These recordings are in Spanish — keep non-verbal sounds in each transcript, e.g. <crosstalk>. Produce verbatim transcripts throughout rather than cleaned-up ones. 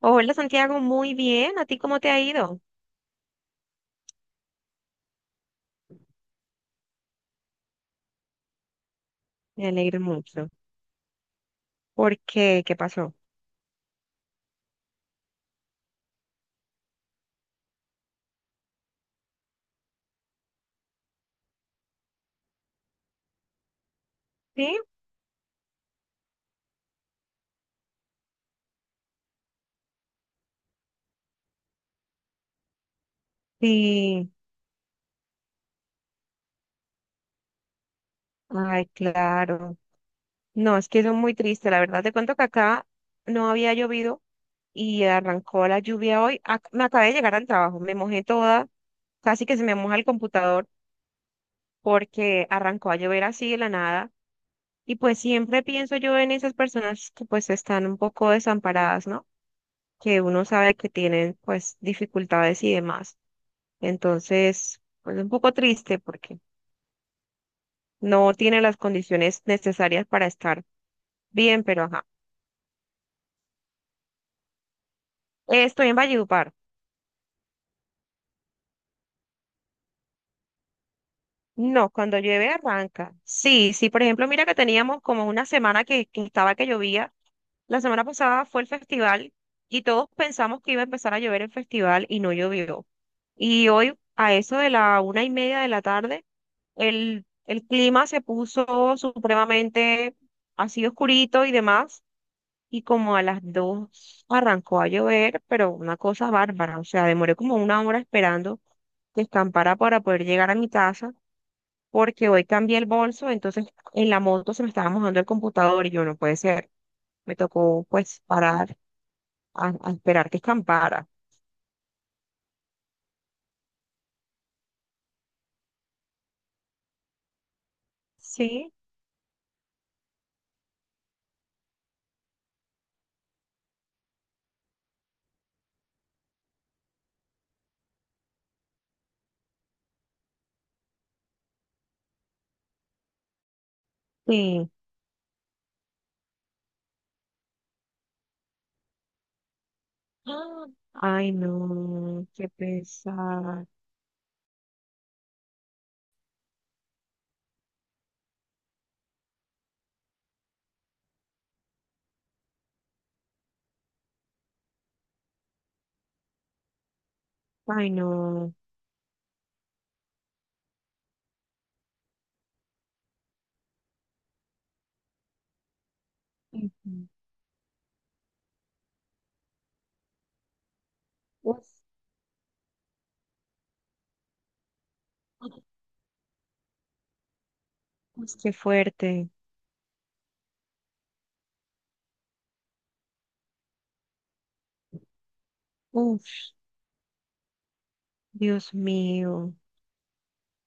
Hola Santiago, muy bien. ¿A ti cómo te ha ido? Me alegro mucho. ¿Por qué? ¿Qué pasó? Sí, sí. Ay, claro. No, es que eso es muy triste. La verdad, te cuento que acá no había llovido y arrancó la lluvia hoy. Ac- me acabé de llegar al trabajo, me mojé toda, casi que se me moja el computador porque arrancó a llover así de la nada. Y pues siempre pienso yo en esas personas que pues están un poco desamparadas, ¿no? Que uno sabe que tienen pues dificultades y demás. Entonces, pues un poco triste porque no tiene las condiciones necesarias para estar bien, pero ajá. Estoy en Valledupar. No, cuando llueve arranca. Sí, sí, por ejemplo, mira que teníamos como una semana que, que estaba que llovía. La semana pasada fue el festival y todos pensamos que iba a empezar a llover el festival y no llovió. Y hoy, a eso de la una y media de la tarde, el, el clima se puso supremamente así oscurito y demás y como a las dos arrancó a llover, pero una cosa bárbara, o sea, demoré como una hora esperando que escampara para poder llegar a mi casa, porque hoy cambié el bolso, entonces en la moto se me estaba mojando el computador y yo no puede ser, me tocó pues parar a, a esperar que escampara. Sí, sí. Ah, ay, no, qué pesar. Ay, no. Ujú. Uf, uf, qué fuerte. Uf, Dios mío.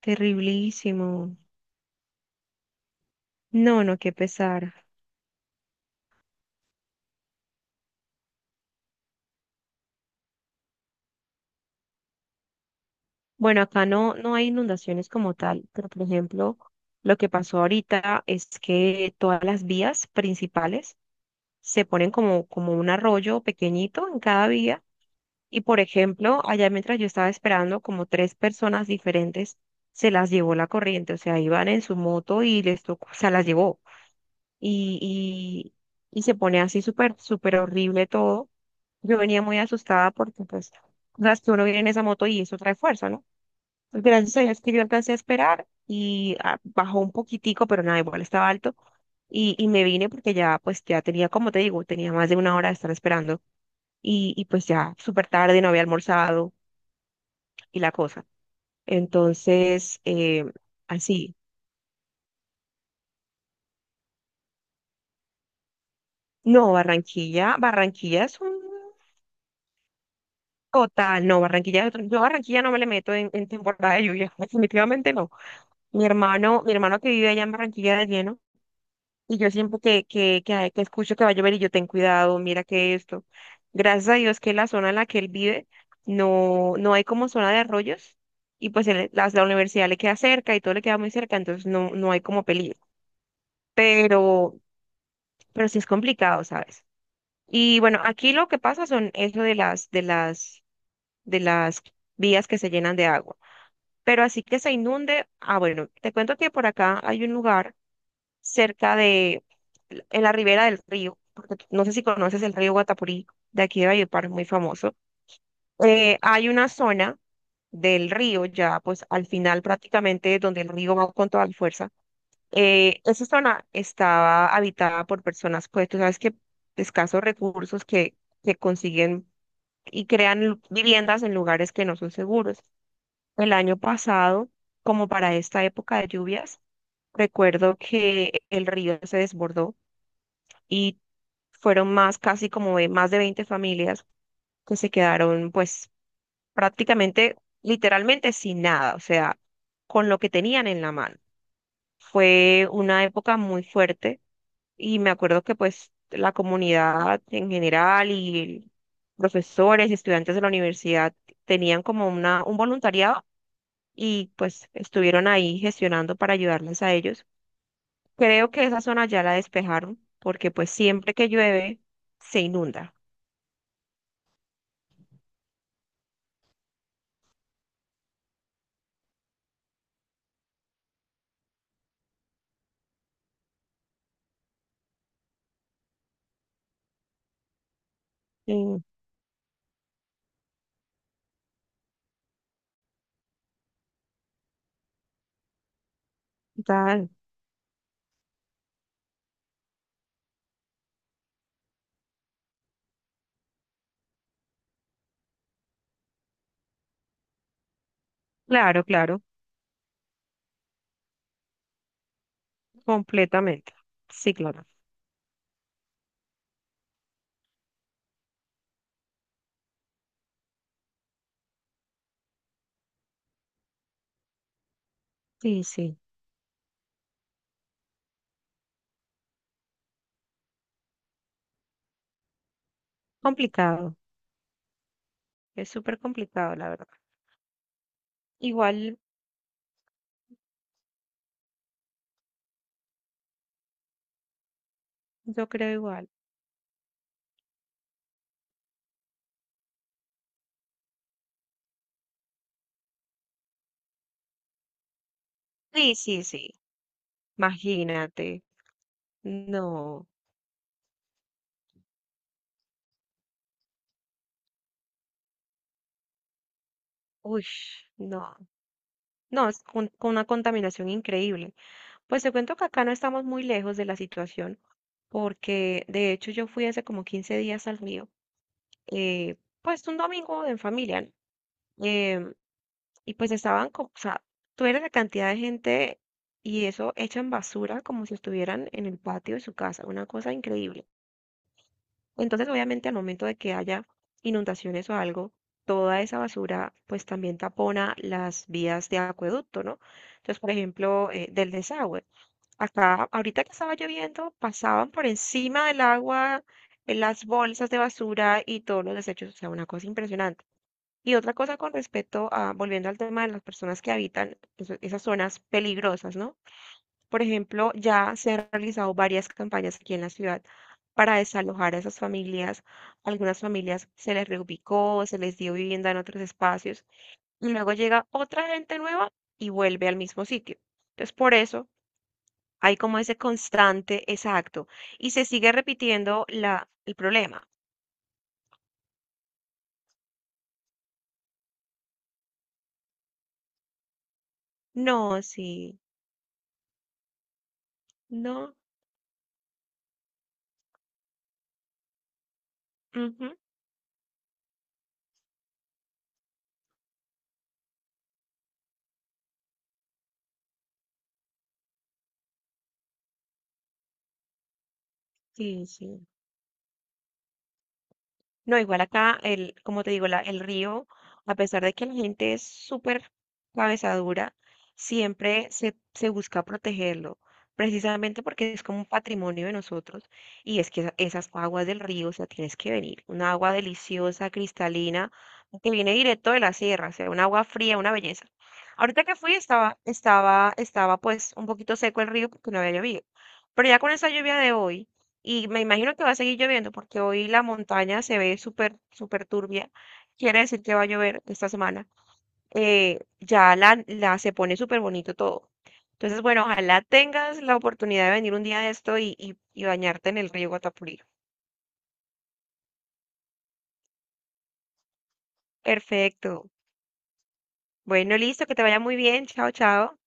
Terriblísimo. No, no, qué pesar. Bueno, acá no, no hay inundaciones como tal, pero por ejemplo, lo que pasó ahorita es que todas las vías principales se ponen como, como un arroyo pequeñito en cada vía. Y por ejemplo, allá mientras yo estaba esperando, como tres personas diferentes se las llevó la corriente, o sea, iban en su moto y les tocó, o sea, las llevó. Y, y, y se pone así súper, súper horrible todo. Yo venía muy asustada porque, pues, o sea, que uno viene en esa moto y eso trae fuerza, ¿no? Pues, gracias a Dios que yo alcancé a esperar y ah, bajó un poquitico, pero nada, igual estaba alto. Y, y me vine porque ya, pues, ya tenía, como te digo, tenía más de una hora de estar esperando. Y, y pues ya súper tarde, no había almorzado y la cosa. Entonces, eh, así. No, Barranquilla, Barranquilla es un total. No, Barranquilla, es otro- yo a Barranquilla no me le meto en, en temporada de lluvia, <laughs> definitivamente no. Mi hermano, mi hermano que vive allá en Barranquilla de lleno, y yo siempre que, que, que, que escucho que va a llover y yo ten cuidado, mira que esto. Gracias a Dios que la zona en la que él vive no, no hay como zona de arroyos, y pues él- la, la universidad le queda cerca y todo le queda muy cerca, entonces no, no hay como peligro. Pero, pero sí es complicado, ¿sabes? Y bueno, aquí lo que pasa son eso de las, de las, de las vías que se llenan de agua. Pero así que se inunde, ah, bueno, te cuento que por acá hay un lugar cerca de, en la ribera del río, porque tú- no sé si conoces el río Guatapurí, de aquí de Valledupar, muy famoso. Eh, hay una zona del río, ya pues al final prácticamente donde el río va con toda la fuerza. Eh, esa zona estaba habitada por personas, pues tú sabes que de escasos recursos que, que consiguen y crean lu- viviendas en lugares que no son seguros. El año pasado, como para esta época de lluvias, recuerdo que el río se desbordó y fueron más, casi como de más de veinte familias que se quedaron pues prácticamente, literalmente sin nada, o sea, con lo que tenían en la mano. Fue una época muy fuerte y me acuerdo que pues la comunidad en general y profesores y estudiantes de la universidad tenían como una, un voluntariado y pues estuvieron ahí gestionando para ayudarles a ellos. Creo que esa zona ya la despejaron porque pues siempre que llueve se inunda. Tal. Claro, claro, completamente. Sí, claro. Sí, sí. Complicado. Es súper complicado, la verdad. Igual, yo creo igual. Sí, sí, sí. Imagínate. No. Uy, no. No, es con, con una contaminación increíble. Pues te cuento que acá no estamos muy lejos de la situación, porque de hecho yo fui hace como quince días al mío. eh, pues un domingo en familia, ¿no? Em, Y pues estaban, co- o sea, tú eres la cantidad de gente y eso echan basura como si estuvieran en el patio de su casa, una cosa increíble. Entonces, obviamente, al momento de que haya inundaciones o algo, toda esa basura pues también tapona las vías de acueducto, ¿no? Entonces, por ejemplo, eh, del desagüe. Acá, ahorita que estaba lloviendo, pasaban por encima del agua eh, las bolsas de basura y todos los desechos, o sea, una cosa impresionante. Y otra cosa con respecto a, volviendo al tema de las personas que habitan eso- esas zonas peligrosas, ¿no? Por ejemplo, ya se han realizado varias campañas aquí en la ciudad para desalojar a esas familias. Algunas familias se les reubicó, se les dio vivienda en otros espacios y luego llega otra gente nueva y vuelve al mismo sitio. Entonces, por eso hay como ese constante exacto y se sigue repitiendo la, el problema. No, sí, no, ujú, sí, sí. No, igual acá, el, como te digo, la- el río, a pesar de que la gente es súper cabezadura, siempre se, se busca protegerlo, precisamente porque es como un patrimonio de nosotros. Y es que esa- esas aguas del río, o sea, tienes que venir. Una agua deliciosa, cristalina, que viene directo de la sierra, o sea, un agua fría, una belleza. Ahorita que fui estaba, estaba, estaba pues un poquito seco el río porque no había llovido. Pero ya con esa lluvia de hoy y me imagino que va a seguir lloviendo porque hoy la montaña se ve súper, súper turbia. Quiere decir que va a llover esta semana. Eh, ya la, la- se pone súper bonito todo. Entonces, bueno, ojalá tengas la oportunidad de venir un día de esto y, y, y bañarte en el río Guatapurí. Perfecto. Bueno, listo, que te vaya muy bien. Chao, chao.